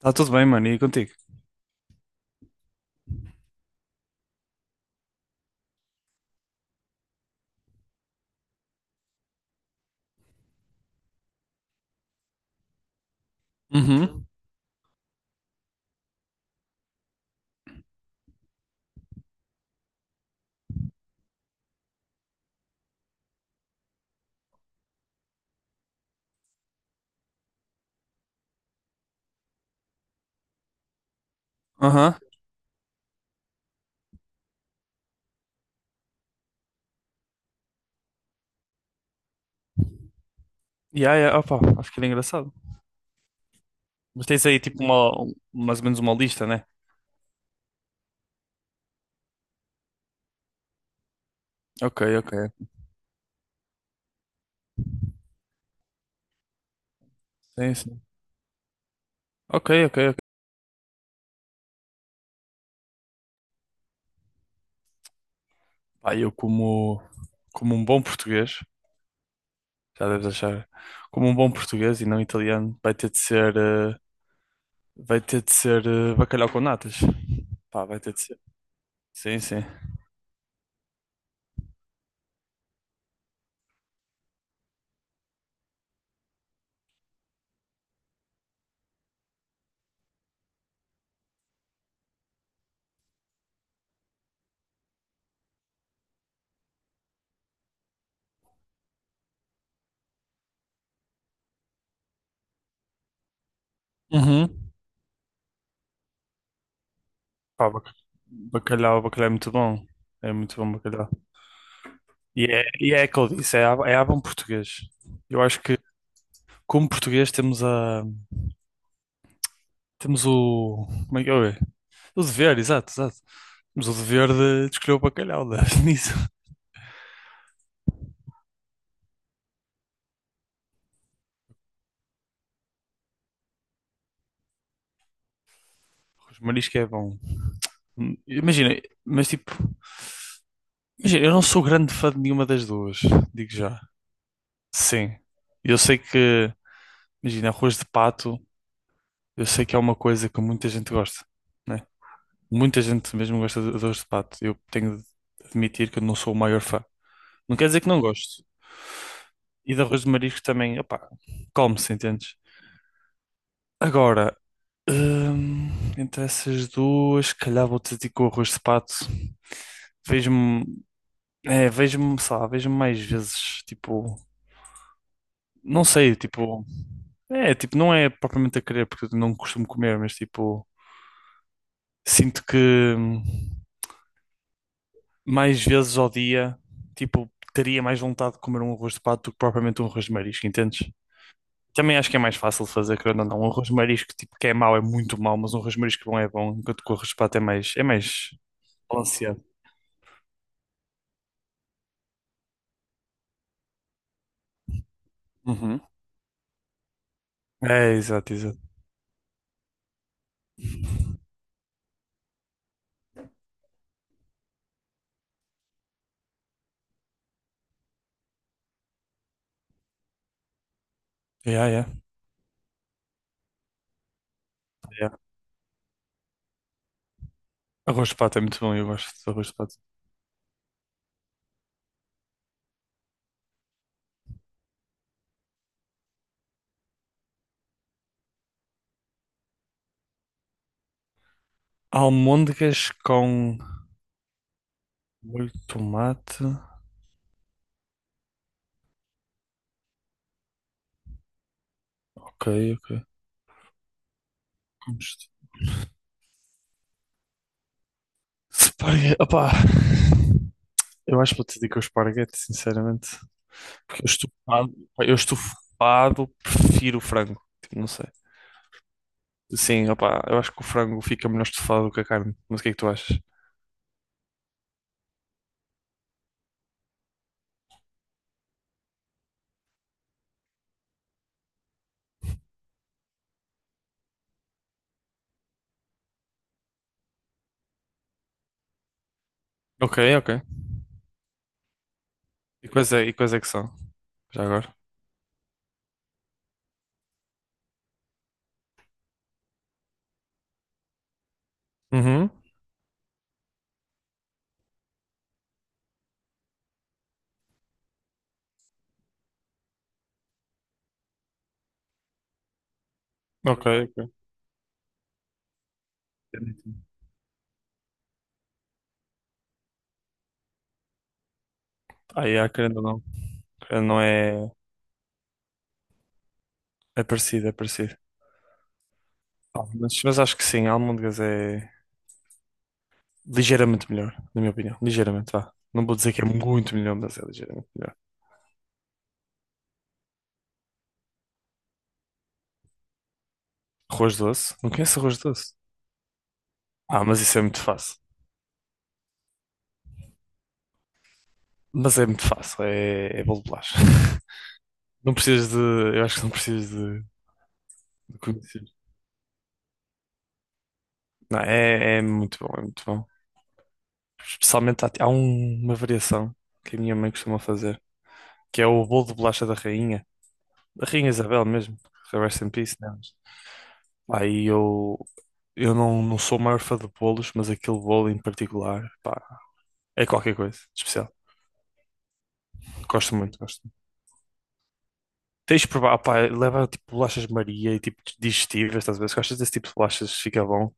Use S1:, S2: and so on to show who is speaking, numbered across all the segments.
S1: Tá tudo bem, mano, e contigo? Uhum. Aham. E yeah, yeah, opa, acho que era engraçado. Mas tens aí tipo mais ou menos uma lista, né? Ok, ok. Sim, sim. Ok, ok, ok. Pá, eu como, como um bom português, já deves achar, como um bom português e não italiano, vai ter de ser, bacalhau com natas. Pá, vai ter de ser. Sim, sim. Uhum. Pá, bacalhau é muito bom. É muito bom bacalhau. E é aquilo que eu disse, é a bom português. Eu acho que como português temos o como é que é? O dever, exato, exato. Temos o dever de escolher o bacalhau, né? nisso. Os marisco é bom. Imagina, mas tipo, imagina, eu não sou grande fã de nenhuma das duas, digo já. Sim. Eu sei que, imagina, arroz de pato, eu sei que é uma coisa que muita gente gosta, né? Muita gente mesmo gosta de arroz de pato. Eu tenho de admitir que eu não sou o maior fã. Não quer dizer que não gosto. E de arroz de marisco também, opá, come-se, entendes? Agora, hum, entre essas duas, se calhar vou-te dizer que o arroz de pato. Vejo-me, é, vejo-me, sei lá, Vejo-me mais vezes, tipo, não sei, tipo, é, tipo, não é propriamente a querer, porque eu não costumo comer, mas tipo, sinto que hum, mais vezes ao dia, tipo, teria mais vontade de comer um arroz de pato do que propriamente um arroz de marisco, entendes? Também acho que é mais fácil de fazer, querendo ou não. Um arroz de marisco, tipo, que é mau, é muito mau, mas um arroz de marisco bom é bom, enquanto que o arroz de pato é mais balanceado. Uhum. É, exato, exato. Yeah, yeah, yeah. Arroz de pato é muito bom, eu gosto de arroz de pato. Almôndegas com molho de tomate. Ok, ok. Com isto. Esparguete. Opá. Eu acho que vou te dizer que é o esparguete, sinceramente. Porque eu estufado, prefiro o frango. Tipo, não sei. Sim, opá, eu acho que o frango fica melhor estufado do que a carne. Mas o que é que tu achas? Ok, ok. E quais é que são? Já agora? Uhum. Ok, ok. Ah, yeah, querendo ou não. Querendo ou não é parecido, é parecido. Ah, Mas acho que sim, a almôndegas é ligeiramente melhor, na minha opinião. Ligeiramente, vá. Não vou dizer que é muito melhor, mas é ligeiramente melhor. Arroz doce? Não conheço arroz doce? Ah, mas isso é muito fácil. Mas é muito fácil, é bolo de bolacha. Não precisas de. Eu acho que não precisas de conhecer. Não, é muito bom, é muito bom. Especialmente há uma variação que a minha mãe costuma fazer, que é o bolo de bolacha da rainha. Da Rainha Isabel mesmo. Que Rest in peace, né? Aí eu não sou o maior fã de bolos, mas aquele bolo em particular, pá, é qualquer coisa de especial. Gosto muito, gosto muito. Tens de provar, pá, leva tipo bolachas de Maria e tipo digestivas, estás a ver? Se gostas desse tipo de bolachas, fica bom.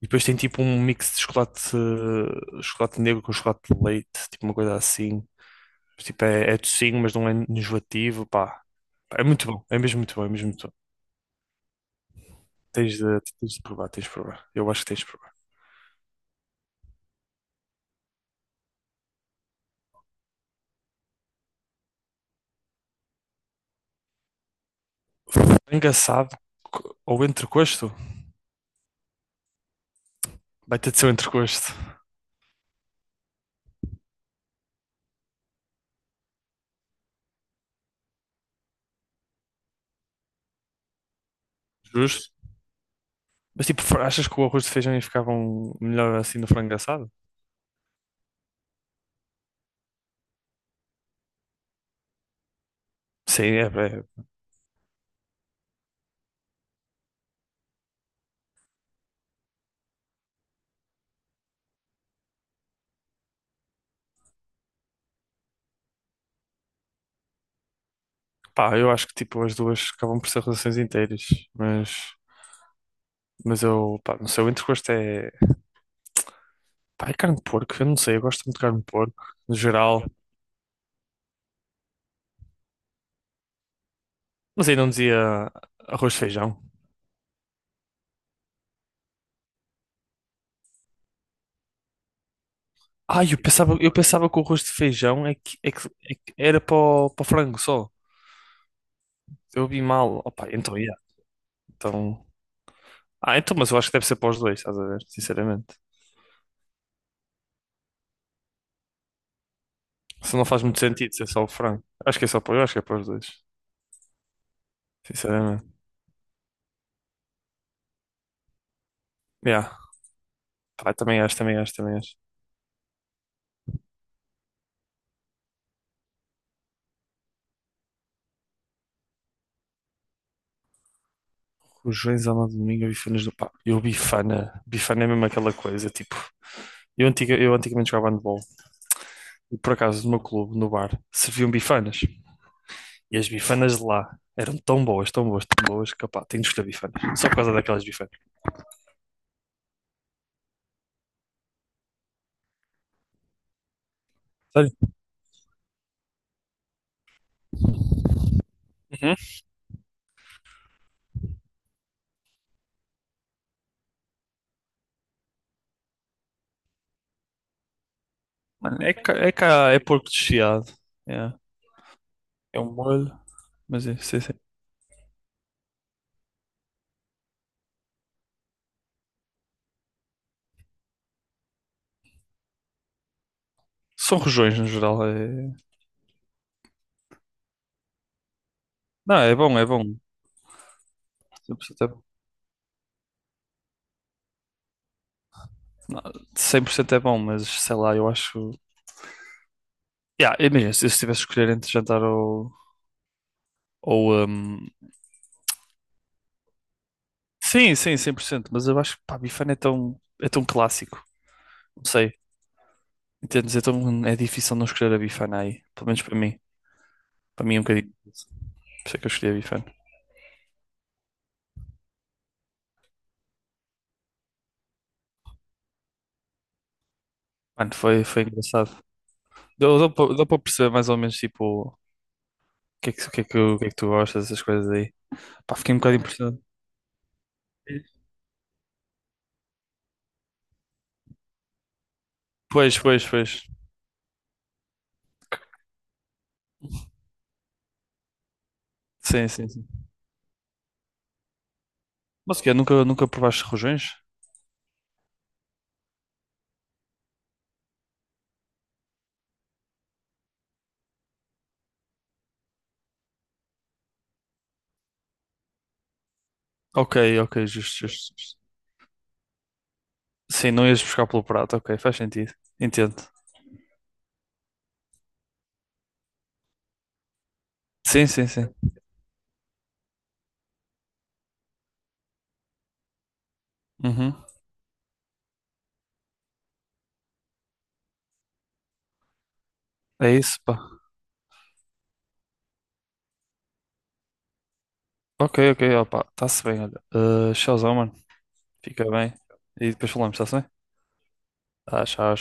S1: E depois tem tipo um mix de chocolate, chocolate negro com chocolate de leite, tipo uma coisa assim. Tipo, é docinho, mas não é enjoativo, pá. Pá, é muito bom, é mesmo muito bom, é mesmo muito bom. Tens de provar, tens de provar. Eu acho que tens de provar. É engraçado. Ou entrecosto? Vai ter de ser o entrecosto. Justo. Mas tipo, achas que o arroz de feijão ia ficar melhor assim no frango assado? Sim, pá, eu acho que tipo as duas acabam por ser relações inteiras, mas, mas eu, pá, não sei, o entrecosto é, pá, é carne de porco, eu não sei, eu gosto muito de carne de porco, no geral, mas aí não dizia arroz de feijão. Ah, eu pensava que o arroz de feijão é que era para o frango só, eu vi mal, opa então, yeah, então, ah, então, mas eu acho que deve ser para os dois, estás a ver, sinceramente, isso não faz muito sentido ser só o frango, acho que é só para, eu acho que é para os dois, sinceramente, yeah, pá, também acho, também acho, também acho. Rojões, alma de domingo, bifanas do pá. Eu bifana. Bifana é mesmo aquela coisa, tipo. Eu antigamente jogava handball e por acaso no meu clube, no bar, serviam bifanas. E as bifanas de lá eram tão boas, tão boas, tão boas, que pá, tenho de escolher bifanas. Só por causa daquelas bifanas. Sério? Uhum. Mano, é cá, é, cá, é porco desfiado. É, é um molho, mas é, sim, sim. São rojões no geral. É... Não, é bom, é bom. 100% é bom. Não, 100% é bom, mas sei lá, eu acho. Yeah, imagina, se eu tivesse de escolher entre jantar ou sim, sim, 100%, mas eu acho que pá, Bifana é tão clássico, não sei, entendes? É difícil não escolher a Bifana aí, pelo menos para mim é um bocadinho, difícil. Por isso é que eu escolhi a Bifana. Mano, foi engraçado. Deu para perceber mais ou menos, tipo, o que é que, o que é que, o que é que tu gostas, essas coisas aí. Pá, fiquei um bocado impressionado. Pois, pois, pois, sim, sim, sim. Mas o quê, nunca provaste rojões? Ok, ok, justo, justo, justo. Sim, não ias buscar pelo prato, ok, faz sentido, entendo. Sim, sim, sim. Uhum, é isso, pá. Ok, ok, ó, está-se bem, olha. Tchauzão, mano. Fica bem. E depois falamos, está-se bem? Tá, tchau.